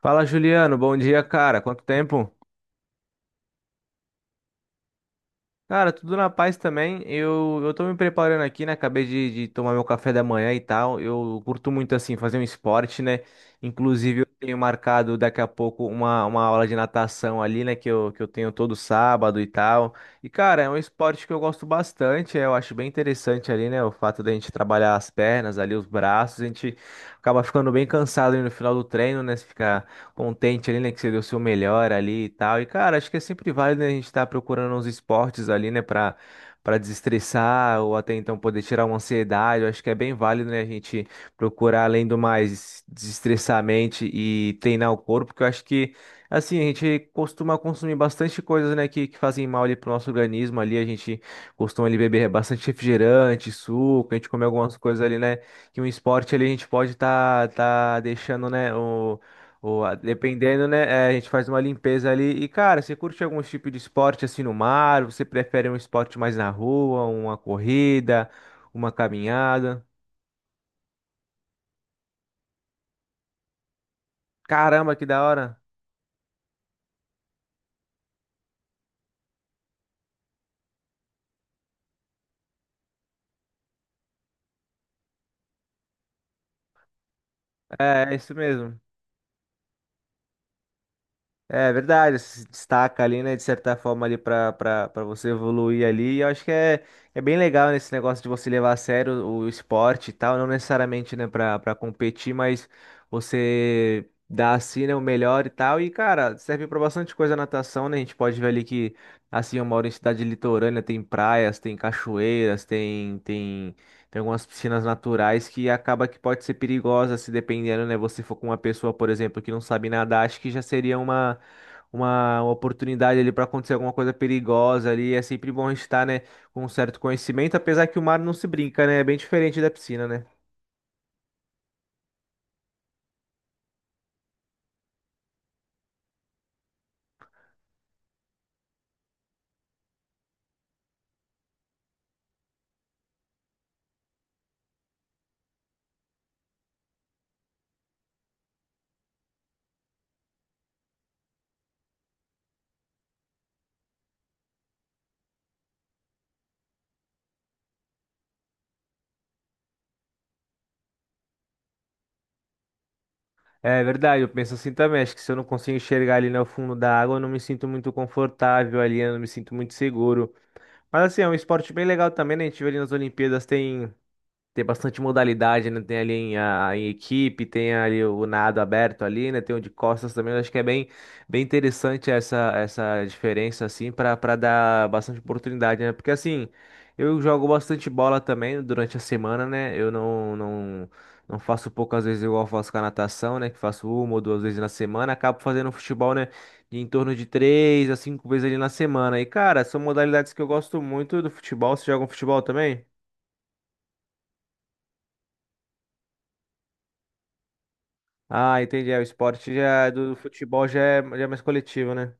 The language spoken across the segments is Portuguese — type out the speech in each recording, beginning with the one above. Fala, Juliano. Bom dia, cara. Quanto tempo? Cara, tudo na paz também. Eu tô me preparando aqui, né? Acabei de tomar meu café da manhã e tal. Eu curto muito, assim, fazer um esporte, né? Inclusive, eu tenho marcado daqui a pouco uma aula de natação ali, né? Que eu tenho todo sábado e tal. E, cara, é um esporte que eu gosto bastante. Eu acho bem interessante ali, né? O fato da gente trabalhar as pernas ali, os braços. A gente acaba ficando bem cansado ali no final do treino, né? Você fica contente ali, né? Que você deu o seu melhor ali e tal. E, cara, acho que é sempre válido, né, a gente estar procurando uns esportes ali, né? Pra desestressar ou até então poder tirar uma ansiedade. Eu acho que é bem válido, né? A gente procurar, além do mais, desestressar a mente e treinar o corpo, porque eu acho que, assim, a gente costuma consumir bastante coisas, né, que fazem mal ali pro nosso organismo ali, a gente costuma ali beber bastante refrigerante, suco, a gente come algumas coisas ali, né, que um esporte ali a gente pode tá deixando, né, boa, dependendo, né? A gente faz uma limpeza ali. E, cara, você curte algum tipo de esporte assim no mar? Você prefere um esporte mais na rua, uma corrida, uma caminhada? Caramba, que da hora! É isso mesmo. É verdade, se destaca ali, né, de certa forma ali para você evoluir ali. E eu acho que é bem legal nesse negócio de você levar a sério o esporte e tal, não necessariamente, né, para competir, mas você dá assim, né, o melhor e tal. E cara, serve para bastante coisa a natação, né? A gente pode ver ali que, assim, eu moro em cidade litorânea, tem praias, tem cachoeiras, tem algumas piscinas naturais que acaba que pode ser perigosa se dependendo, né? Você for com uma pessoa, por exemplo, que não sabe nadar, acho que já seria uma oportunidade ali para acontecer alguma coisa perigosa ali. É sempre bom estar, né, com um certo conhecimento, apesar que o mar não se brinca, né? É bem diferente da piscina, né? É verdade, eu penso assim também. Acho que se eu não consigo enxergar ali no fundo da água, eu não me sinto muito confortável ali, eu não me sinto muito seguro. Mas assim, é um esporte bem legal também, né? A gente vê ali nas Olimpíadas, tem bastante modalidade, né? Tem ali em equipe, tem ali o nado aberto ali, né? Tem o de costas também. Eu acho que é bem, bem interessante essa, essa diferença, assim, para dar bastante oportunidade, né? Porque, assim, eu jogo bastante bola também durante a semana, né? Eu não, não, não faço poucas vezes igual eu faço com a natação, né? Que faço uma ou duas vezes na semana. Acabo fazendo futebol, né? de Em torno de três a cinco vezes ali na semana. E, cara, são modalidades que eu gosto muito do futebol. Você joga um futebol também? Ah, entendi. É, o esporte já é do futebol já é mais coletivo, né?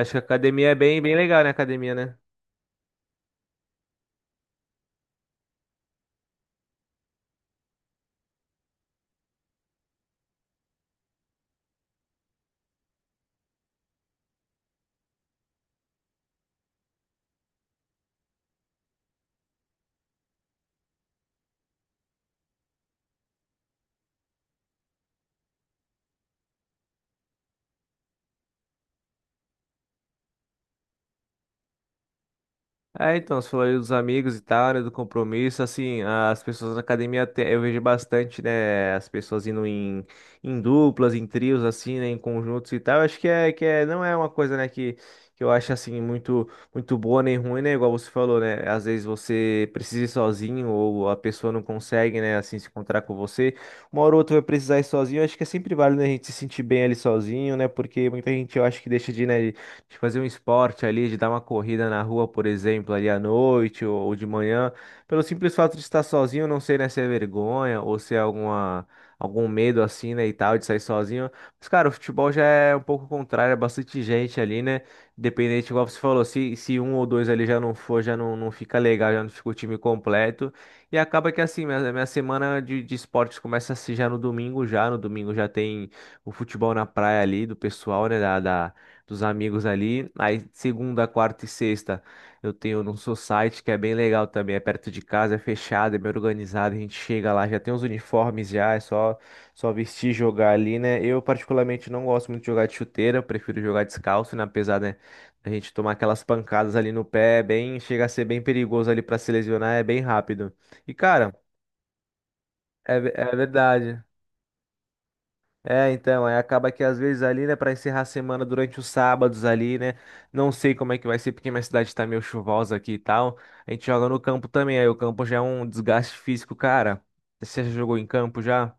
Acho que a academia é bem, bem legal, né? Academia, né? É, então, você falou aí dos amigos e tal, né, do compromisso, assim, as pessoas na academia, eu vejo bastante, né, as pessoas indo em duplas, em trios, assim, né, em conjuntos e tal, acho que é, não é uma coisa, né, que eu acho, assim, muito, muito boa nem ruim, né, igual você falou, né, às vezes você precisa ir sozinho ou a pessoa não consegue, né, assim, se encontrar com você, uma hora ou outra vai precisar ir sozinho, acho que é sempre válido, né, a gente se sentir bem ali sozinho, né, porque muita gente, eu acho que deixa de, né, de fazer um esporte ali, de dar uma corrida na rua, por exemplo, ali à noite ou de manhã, pelo simples fato de estar sozinho, não sei, né, se é vergonha ou se é algum medo assim, né, e tal, de sair sozinho. Mas, cara, o futebol já é um pouco contrário, é bastante gente ali, né? Independente, igual você falou, se um ou dois ali já não for, já não, não fica legal, já não fica o time completo. E acaba que assim, minha semana de esportes começa assim já no domingo, já. No domingo já tem o futebol na praia ali do pessoal, né? Dos amigos ali. Aí segunda, quarta e sexta eu tenho num society que é bem legal também, é perto de casa, é fechado, é bem organizado, a gente chega lá, já tem os uniformes já, é só vestir e jogar ali, né? Eu particularmente não gosto muito de jogar de chuteira, eu prefiro jogar descalço, né? Apesar, né, a gente tomar aquelas pancadas ali no pé, é bem, chega a ser bem perigoso ali para se lesionar, é bem rápido. E cara, é verdade. É, então, aí acaba que às vezes ali, né, para encerrar a semana durante os sábados ali, né, não sei como é que vai ser, porque minha cidade tá meio chuvosa aqui e tal, a gente joga no campo também, aí o campo já é um desgaste físico, cara. Você já jogou em campo já?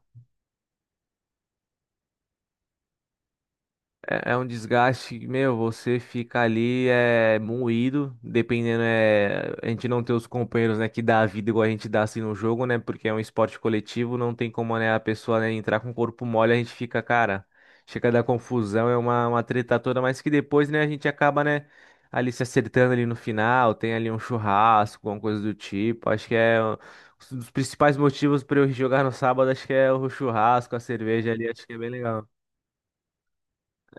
É um desgaste, que, meu, você fica ali moído, dependendo, a gente não ter os companheiros, né, que dá a vida igual a gente dá assim no jogo, né, porque é um esporte coletivo, não tem como, né, a pessoa, né, entrar com o corpo mole, a gente fica, cara, chega a dar confusão, é uma treta toda, mas que depois, né, a gente acaba, né, ali se acertando ali no final, tem ali um churrasco, alguma coisa do tipo, acho que é um dos principais motivos para eu jogar no sábado, acho que é o churrasco, a cerveja ali, acho que é bem legal.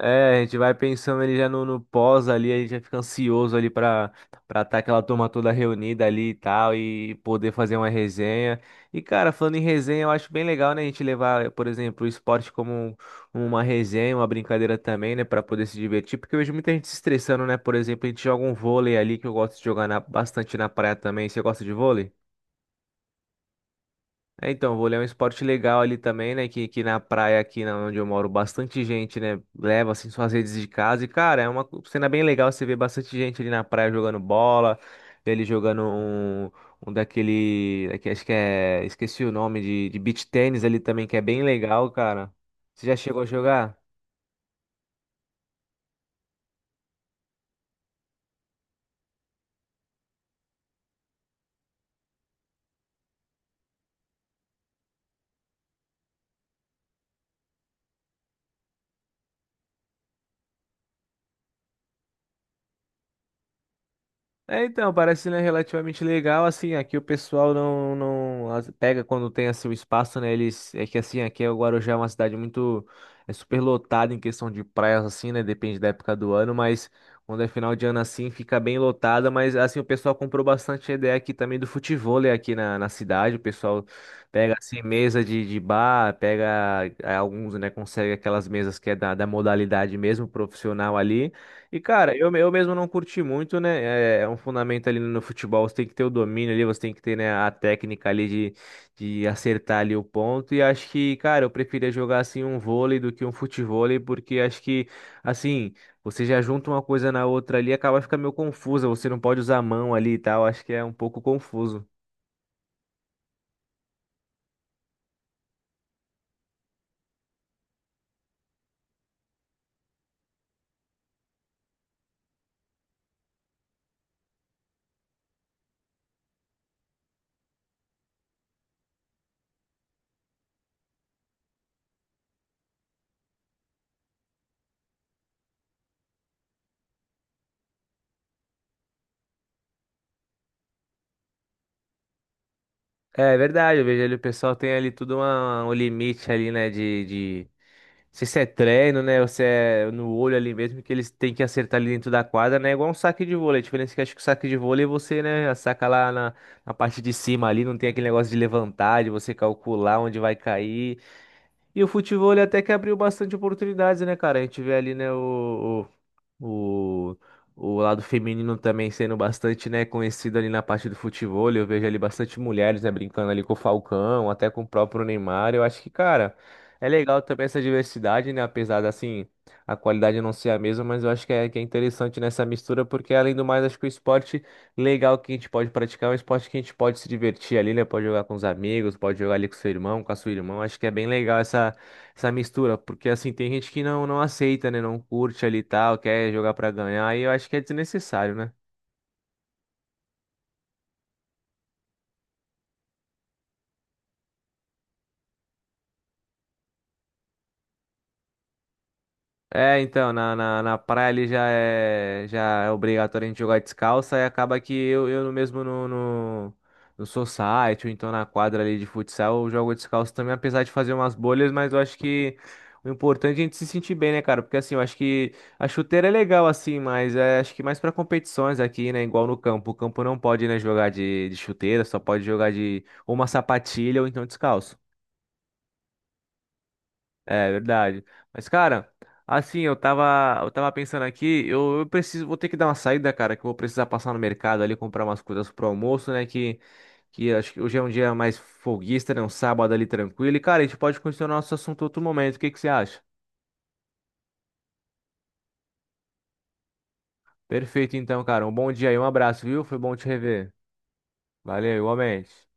É, a gente vai pensando ele já no pós ali, a gente já fica ansioso ali pra para estar aquela turma toda reunida ali e tal, e poder fazer uma resenha. E cara, falando em resenha, eu acho bem legal, né, a gente levar, por exemplo, o esporte como uma resenha, uma brincadeira também, né, pra poder se divertir, porque eu vejo muita gente se estressando, né, por exemplo, a gente joga um vôlei ali, que eu gosto de jogar bastante na praia também. Você gosta de vôlei? É, então, vou é um esporte legal ali também, né? Que na praia aqui na onde eu moro, bastante gente, né? Leva assim suas redes de casa. E, cara, é uma cena bem legal. Você vê bastante gente ali na praia jogando bola, vê ele jogando um daquele, acho que é, esqueci o nome, de beach tênis ali também, que é bem legal, cara. Você já chegou a jogar? É, então, parece, né, relativamente legal, assim, aqui o pessoal não, não pega quando tem, assim, o espaço, né, eles, é que, assim, aqui o Guarujá é uma cidade muito, é super lotada em questão de praias, assim, né, depende da época do ano, mas quando é final de ano, assim, fica bem lotada, mas, assim, o pessoal comprou bastante a ideia aqui também do futevôlei aqui na cidade, o pessoal pega, assim, mesa de bar, pega, alguns, né, consegue aquelas mesas que é da modalidade mesmo, profissional ali, e, cara, eu mesmo não curti muito, né? É um fundamento ali no futebol, você tem que ter o domínio ali, você tem que ter, né, a técnica ali de acertar ali o ponto. E acho que, cara, eu preferia jogar assim um vôlei do que um futevôlei, porque acho que, assim, você já junta uma coisa na outra ali, acaba ficando meio confusa, você não pode usar a mão ali e tal, acho que é um pouco confuso. É verdade, eu vejo ali o pessoal tem ali tudo um limite ali, né, de, não sei se é treino, né? Ou se é no olho ali mesmo, que eles têm que acertar ali dentro da quadra, né? É igual um saque de vôlei. A diferença é que acho que o saque de vôlei você, né, saca lá na parte de cima ali, não tem aquele negócio de levantar, de você calcular onde vai cair. E o futebol ele até que abriu bastante oportunidades, né, cara? A gente vê ali, né, o, o lado feminino também sendo bastante, né, conhecido ali na parte do futebol. Eu vejo ali bastante mulheres, né, brincando ali com o Falcão, até com o próprio Neymar. Eu acho que, cara, é legal também essa diversidade, né, apesar da, assim, a qualidade não ser a mesma, mas eu acho que que é interessante nessa mistura, porque além do mais, acho que o esporte legal que a gente pode praticar é um esporte que a gente pode se divertir ali, né, pode jogar com os amigos, pode jogar ali com seu irmão, com a sua irmã. Acho que é bem legal essa mistura, porque assim, tem gente que não, não aceita, né? Não curte ali e tal, quer jogar pra ganhar, e eu acho que é desnecessário, né? É, então, na praia ali já é obrigatório a gente jogar descalço, e acaba que eu no mesmo no society, ou então na quadra ali de futsal, eu jogo descalço também, apesar de fazer umas bolhas, mas eu acho que o importante é a gente se sentir bem, né, cara? Porque assim, eu acho que a chuteira é legal assim, mas acho que mais pra competições aqui, né, igual no campo. O campo não pode, né, jogar de chuteira, só pode jogar de ou uma sapatilha ou então descalço. É verdade. Mas, cara, assim, eu tava pensando aqui, eu preciso, vou ter que dar uma saída, cara, que eu vou precisar passar no mercado ali, comprar umas coisas pro almoço, né? Que acho que hoje é um dia mais folguista, né? Um sábado ali tranquilo. E, cara, a gente pode continuar nosso assunto outro momento. O que que você acha? Perfeito, então, cara. Um bom dia e um abraço, viu? Foi bom te rever. Valeu, igualmente.